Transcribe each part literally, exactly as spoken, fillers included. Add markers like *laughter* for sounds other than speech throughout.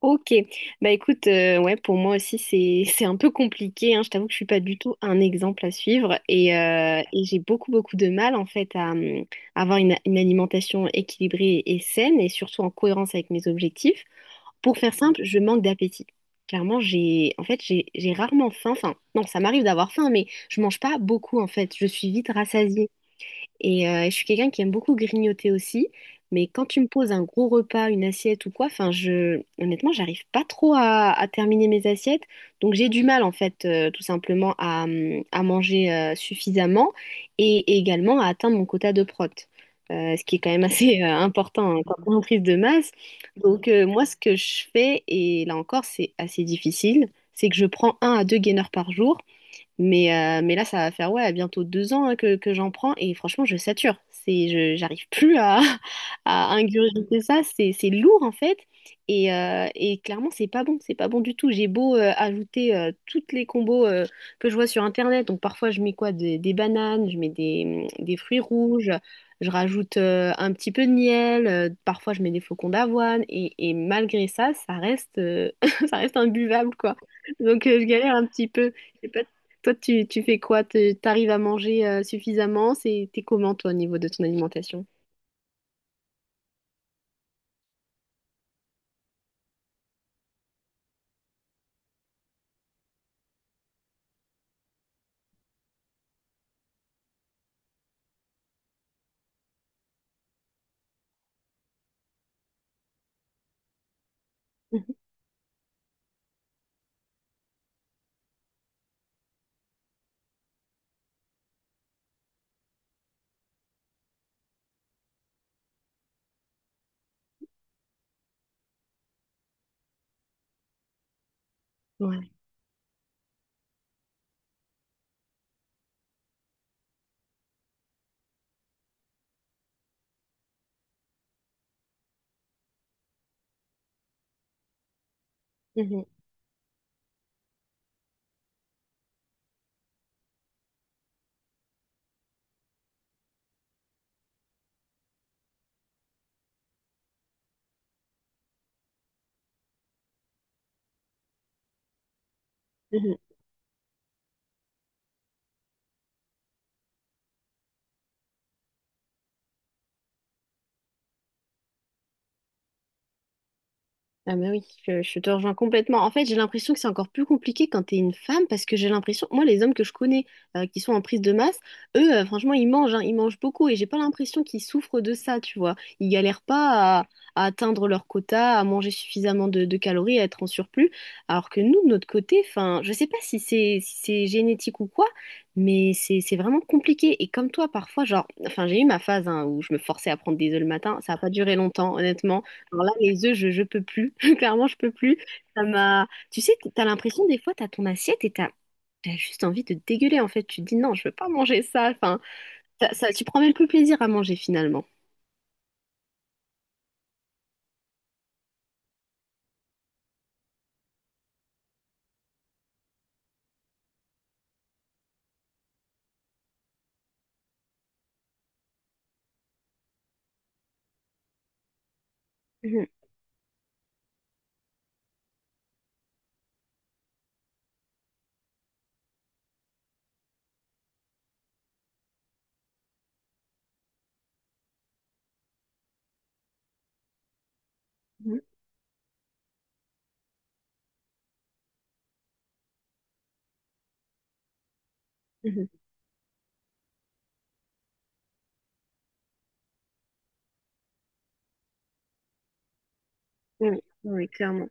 Ok, bah écoute, euh, ouais, pour moi aussi c'est *laughs* c'est un peu compliqué, hein. Je t'avoue que je suis pas du tout un exemple à suivre et, euh, et j'ai beaucoup beaucoup de mal en fait à, hum, avoir une, une alimentation équilibrée et saine et surtout en cohérence avec mes objectifs. Pour faire simple, je manque d'appétit. Clairement, j'ai en fait j'ai j'ai rarement faim. Enfin, non, ça m'arrive d'avoir faim, mais je mange pas beaucoup en fait. Je suis vite rassasiée. Et euh, je suis quelqu'un qui aime beaucoup grignoter aussi, mais quand tu me poses un gros repas, une assiette ou quoi, enfin, je, honnêtement, j'arrive pas trop à, à terminer mes assiettes. Donc j'ai du mal, en fait, euh, tout simplement à, hum, à manger euh, suffisamment et, et également à atteindre mon quota de prot. Euh, ce qui est quand même *laughs* assez euh, important hein, quand on est en prise de masse. Donc euh, moi, ce que je fais, et là encore, c'est assez difficile, c'est que je prends un à deux gainers par jour. Mais, euh, mais là, ça va faire ouais, bientôt deux ans hein, que, que j'en prends et franchement, je sature. C'est, je, j'arrive plus à, *laughs* à ingurgiter ça. C'est, c'est lourd en fait. Et, euh, et clairement, c'est pas bon. C'est pas bon du tout. J'ai beau euh, ajouter euh, toutes les combos euh, que je vois sur Internet. Donc parfois, je mets quoi? Des, des bananes, je mets des, des fruits rouges, je rajoute euh, un petit peu de miel, euh, parfois, je mets des flocons d'avoine. Et, et malgré ça, ça reste, euh, *laughs* ça reste imbuvable quoi. Donc euh, je galère un petit peu. Toi, tu, tu fais quoi? Tu arrives à manger euh, suffisamment? C'est, t'es comment, toi, au niveau de ton alimentation? *laughs* Mhm. Ouais. Mhm. Ah mais oui, je, je te rejoins complètement. En fait, j'ai l'impression que c'est encore plus compliqué quand t'es une femme parce que j'ai l'impression, moi, les hommes que je connais euh, qui sont en prise de masse, eux, euh, franchement, ils mangent, hein, ils mangent beaucoup et j'ai pas l'impression qu'ils souffrent de ça, tu vois. Ils galèrent pas à, à atteindre leur quota, à manger suffisamment de, de calories, à être en surplus, alors que nous, de notre côté, enfin, je sais pas si c'est si c'est génétique ou quoi, mais c'est c'est vraiment compliqué. Et comme toi, parfois, genre, enfin, j'ai eu ma phase hein, où je me forçais à prendre des œufs le matin, ça a pas duré longtemps, honnêtement. Alors là, les œufs, je, je peux plus. *laughs* Clairement, je peux plus. Ça m'a. Tu sais, t'as l'impression des fois, t'as ton assiette et t'as t'as juste envie de dégueuler. En fait, tu te dis non, je veux pas manger ça. Enfin, ça, ça- tu prends même plus plaisir à manger finalement. Mhm, mhm, mhm. Oui, oui, oui, clairement.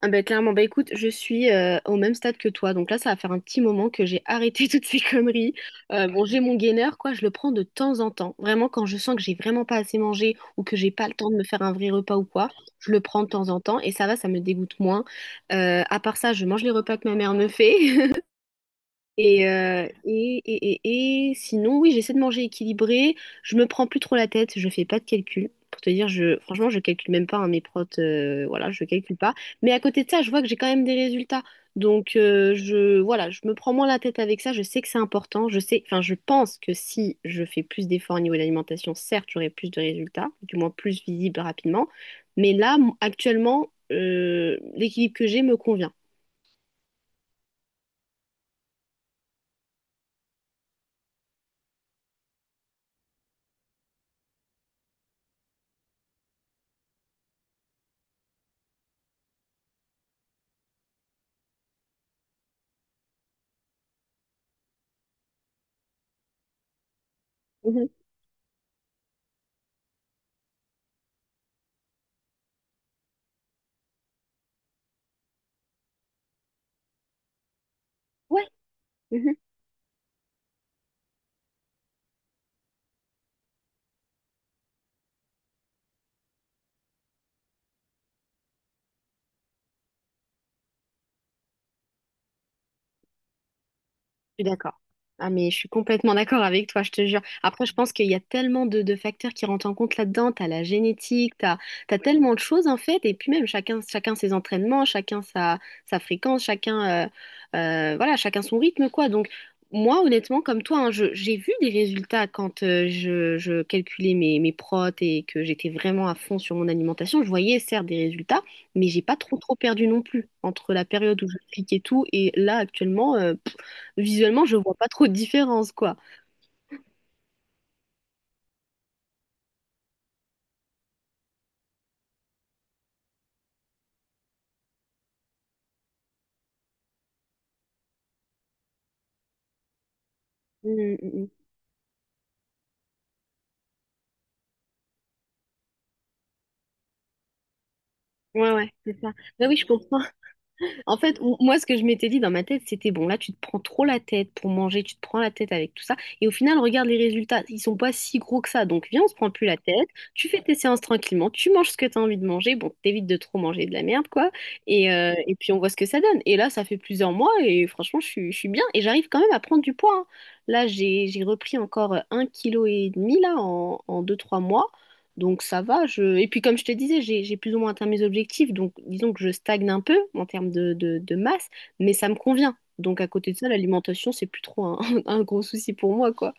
Ah bah, clairement, bah écoute, je suis euh, au même stade que toi, donc là ça va faire un petit moment que j'ai arrêté *laughs* toutes ces conneries. Euh, bon, j'ai mon gainer, quoi, je le prends de temps en temps. Vraiment, quand je sens que j'ai vraiment pas assez mangé ou que j'ai pas le temps de me faire un vrai repas ou quoi, je le prends de temps en temps et ça va, ça me dégoûte moins. Euh, à part ça, je mange les repas que ma mère me fait, *laughs* Et, euh, et, et, et, et sinon, oui, j'essaie de manger équilibré. Je me prends plus trop la tête. Je fais pas de calcul. Pour te dire, je, franchement, je calcule même pas hein, mes protes. Euh, voilà, je calcule pas. Mais à côté de ça, je vois que j'ai quand même des résultats. Donc, euh, je, voilà, je me prends moins la tête avec ça. Je sais que c'est important. Je sais, enfin, je pense que si je fais plus d'efforts au niveau de l'alimentation, certes, j'aurai plus de résultats, du moins plus visibles rapidement. Mais là, m- actuellement, euh, l'équilibre que j'ai me convient. Mhm. Ouais. Je suis d'accord. Ah, mais je suis complètement d'accord avec toi, je te jure. Après, je pense qu'il y a tellement de, de facteurs qui rentrent en compte là-dedans. T'as la génétique, t'as, t'as tellement de choses en fait. Et puis même, chacun, chacun ses entraînements, chacun sa, sa fréquence, chacun, euh, euh, voilà, chacun son rythme, quoi. Donc, moi, honnêtement, comme toi, hein, je- j'ai vu des résultats quand euh, je, je calculais mes, mes protes et que j'étais vraiment à fond sur mon alimentation. Je voyais, certes, des résultats, mais j'ai pas trop, trop perdu non plus entre la période où je cliquais tout et là, actuellement. euh, Visuellement, je vois pas trop de différence, quoi. Mm, mm, mm. Ouais, ouais, c'est ça. Bah oui, je comprends. En fait, m- moi, ce que je m'étais dit dans ma tête, c'était bon, là, tu te prends trop la tête pour manger, tu te prends la tête avec tout ça. Et au final, regarde les résultats, ils sont pas si gros que ça. Donc, viens, on se prend plus la tête, tu fais tes séances tranquillement, tu manges ce que tu as envie de manger. Bon, t'évites de trop manger de la merde, quoi. Et, euh, et puis, on voit ce que ça donne. Et là, ça fait plusieurs mois et franchement, je suis, je suis bien et j'arrive quand même à prendre du poids. Hein. Là, j'ai, j'ai repris encore un kilo et demi, là, en, en deux, trois mois. Donc ça va, je... Et puis comme je te disais, j'ai, j'ai plus ou moins atteint mes objectifs, donc disons que je stagne un peu en termes de, de- de masse, mais ça me convient. Donc à côté de ça, l'alimentation, c'est plus trop un, *laughs* un gros souci pour moi, quoi.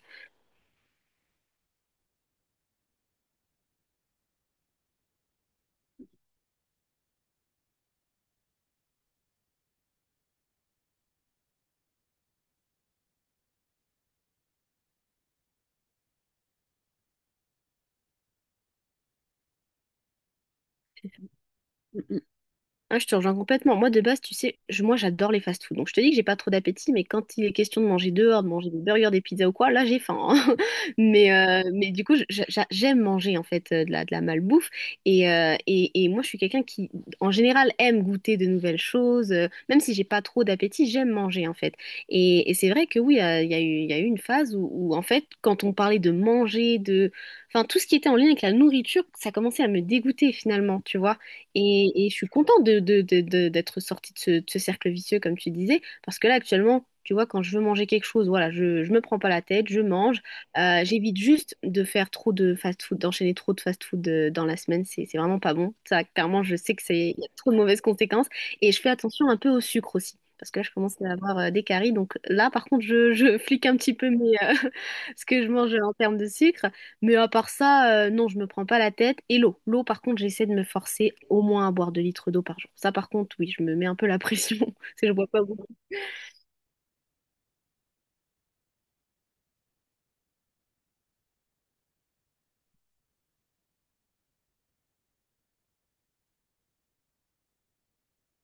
Ah, je te rejoins complètement. Moi, de base, tu sais, je- moi, j'adore les fast-food. Donc, je te dis que j'ai pas trop d'appétit, mais quand il est question de manger dehors, de manger des burgers, des pizzas ou quoi, là, j'ai faim. Hein. *laughs* Mais, euh, mais du coup, je- j'a- j'aime manger, en fait, euh, de la, de la malbouffe. Et, euh, et, et moi, je suis quelqu'un qui, en général, aime goûter de nouvelles choses. Euh, Même si j'ai pas trop d'appétit, j'aime manger, en fait. Et, et c'est vrai que oui, euh, il y a eu, il y a eu une phase où, où, en fait, quand on parlait de manger, de... Enfin, tout ce qui était en lien avec la nourriture, ça commençait à me dégoûter, finalement, tu vois. Et, et je suis contente de, de- de- de- d'être sortie de ce, de ce cercle vicieux, comme tu disais, parce que là, actuellement, tu vois, quand je veux manger quelque chose, voilà, je, je me prends pas la tête, je mange. Euh, j'évite juste de faire trop de fast-food, d'enchaîner trop de fast-food euh, dans la semaine, c'est, c'est vraiment pas bon. Ça, clairement, je sais que c'est, il y a trop de mauvaises conséquences. Et je fais attention un peu au sucre aussi, parce que là, je commence à avoir euh, des caries. Donc là, par contre, je, je flique un petit peu mes, euh, *laughs* ce que je mange en termes de sucre. Mais à part ça, euh, non, je me prends pas la tête. Et l'eau. L'eau, par contre, j'essaie de me forcer au moins à boire deux litres d'eau par jour. Ça, par contre, oui, je me mets un peu la pression. *laughs* Parce que je bois pas beaucoup.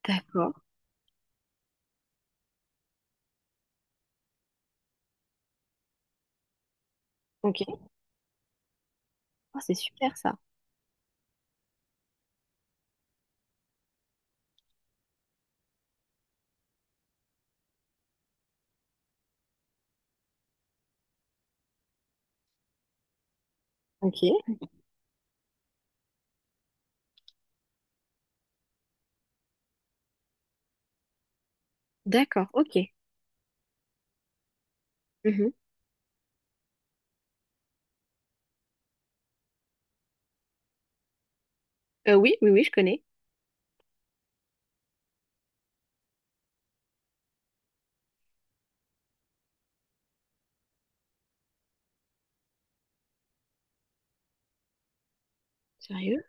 D'accord. Ok. Ah, c'est super ça. Ok. D'accord. Ok. Mhm. Euh, oui, oui, oui, je connais. Sérieux?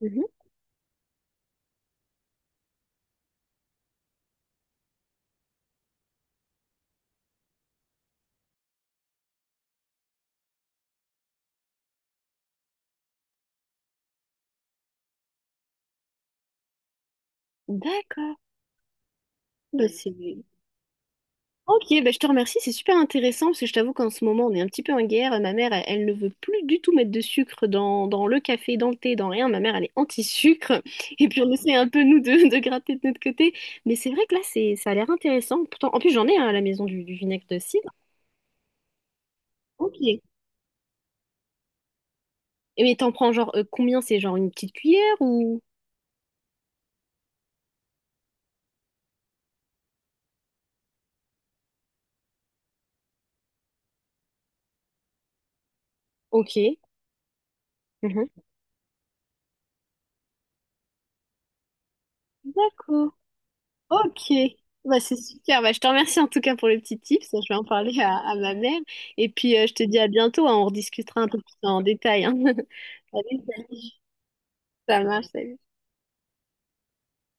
Mhm. D'accord. Bah, c'est Ok, bah je te remercie, c'est super intéressant parce que je t'avoue qu'en ce moment on est un petit peu en guerre. Ma mère, elle, elle ne veut plus du tout mettre de sucre dans, dans le café, dans le thé, dans rien. Ma mère, elle est anti-sucre. *laughs* Et puis on essaie un peu nous de, de gratter de notre côté. Mais c'est vrai que là, c'est, ça a l'air intéressant. Pourtant, en plus j'en ai hein, à la maison du, du vinaigre de cidre. Ok. Et mais t'en prends genre euh, combien? C'est genre une petite cuillère ou... Ok. Mhm. D'accord. Ok, bah, c'est super. Bah, je te remercie en tout cas pour les petits tips. Je vais en parler à, à ma mère. Et puis, euh, je te dis à bientôt. Hein. On rediscutera un peu plus en détail. Hein. *laughs* Allez, salut. Ça marche, salut.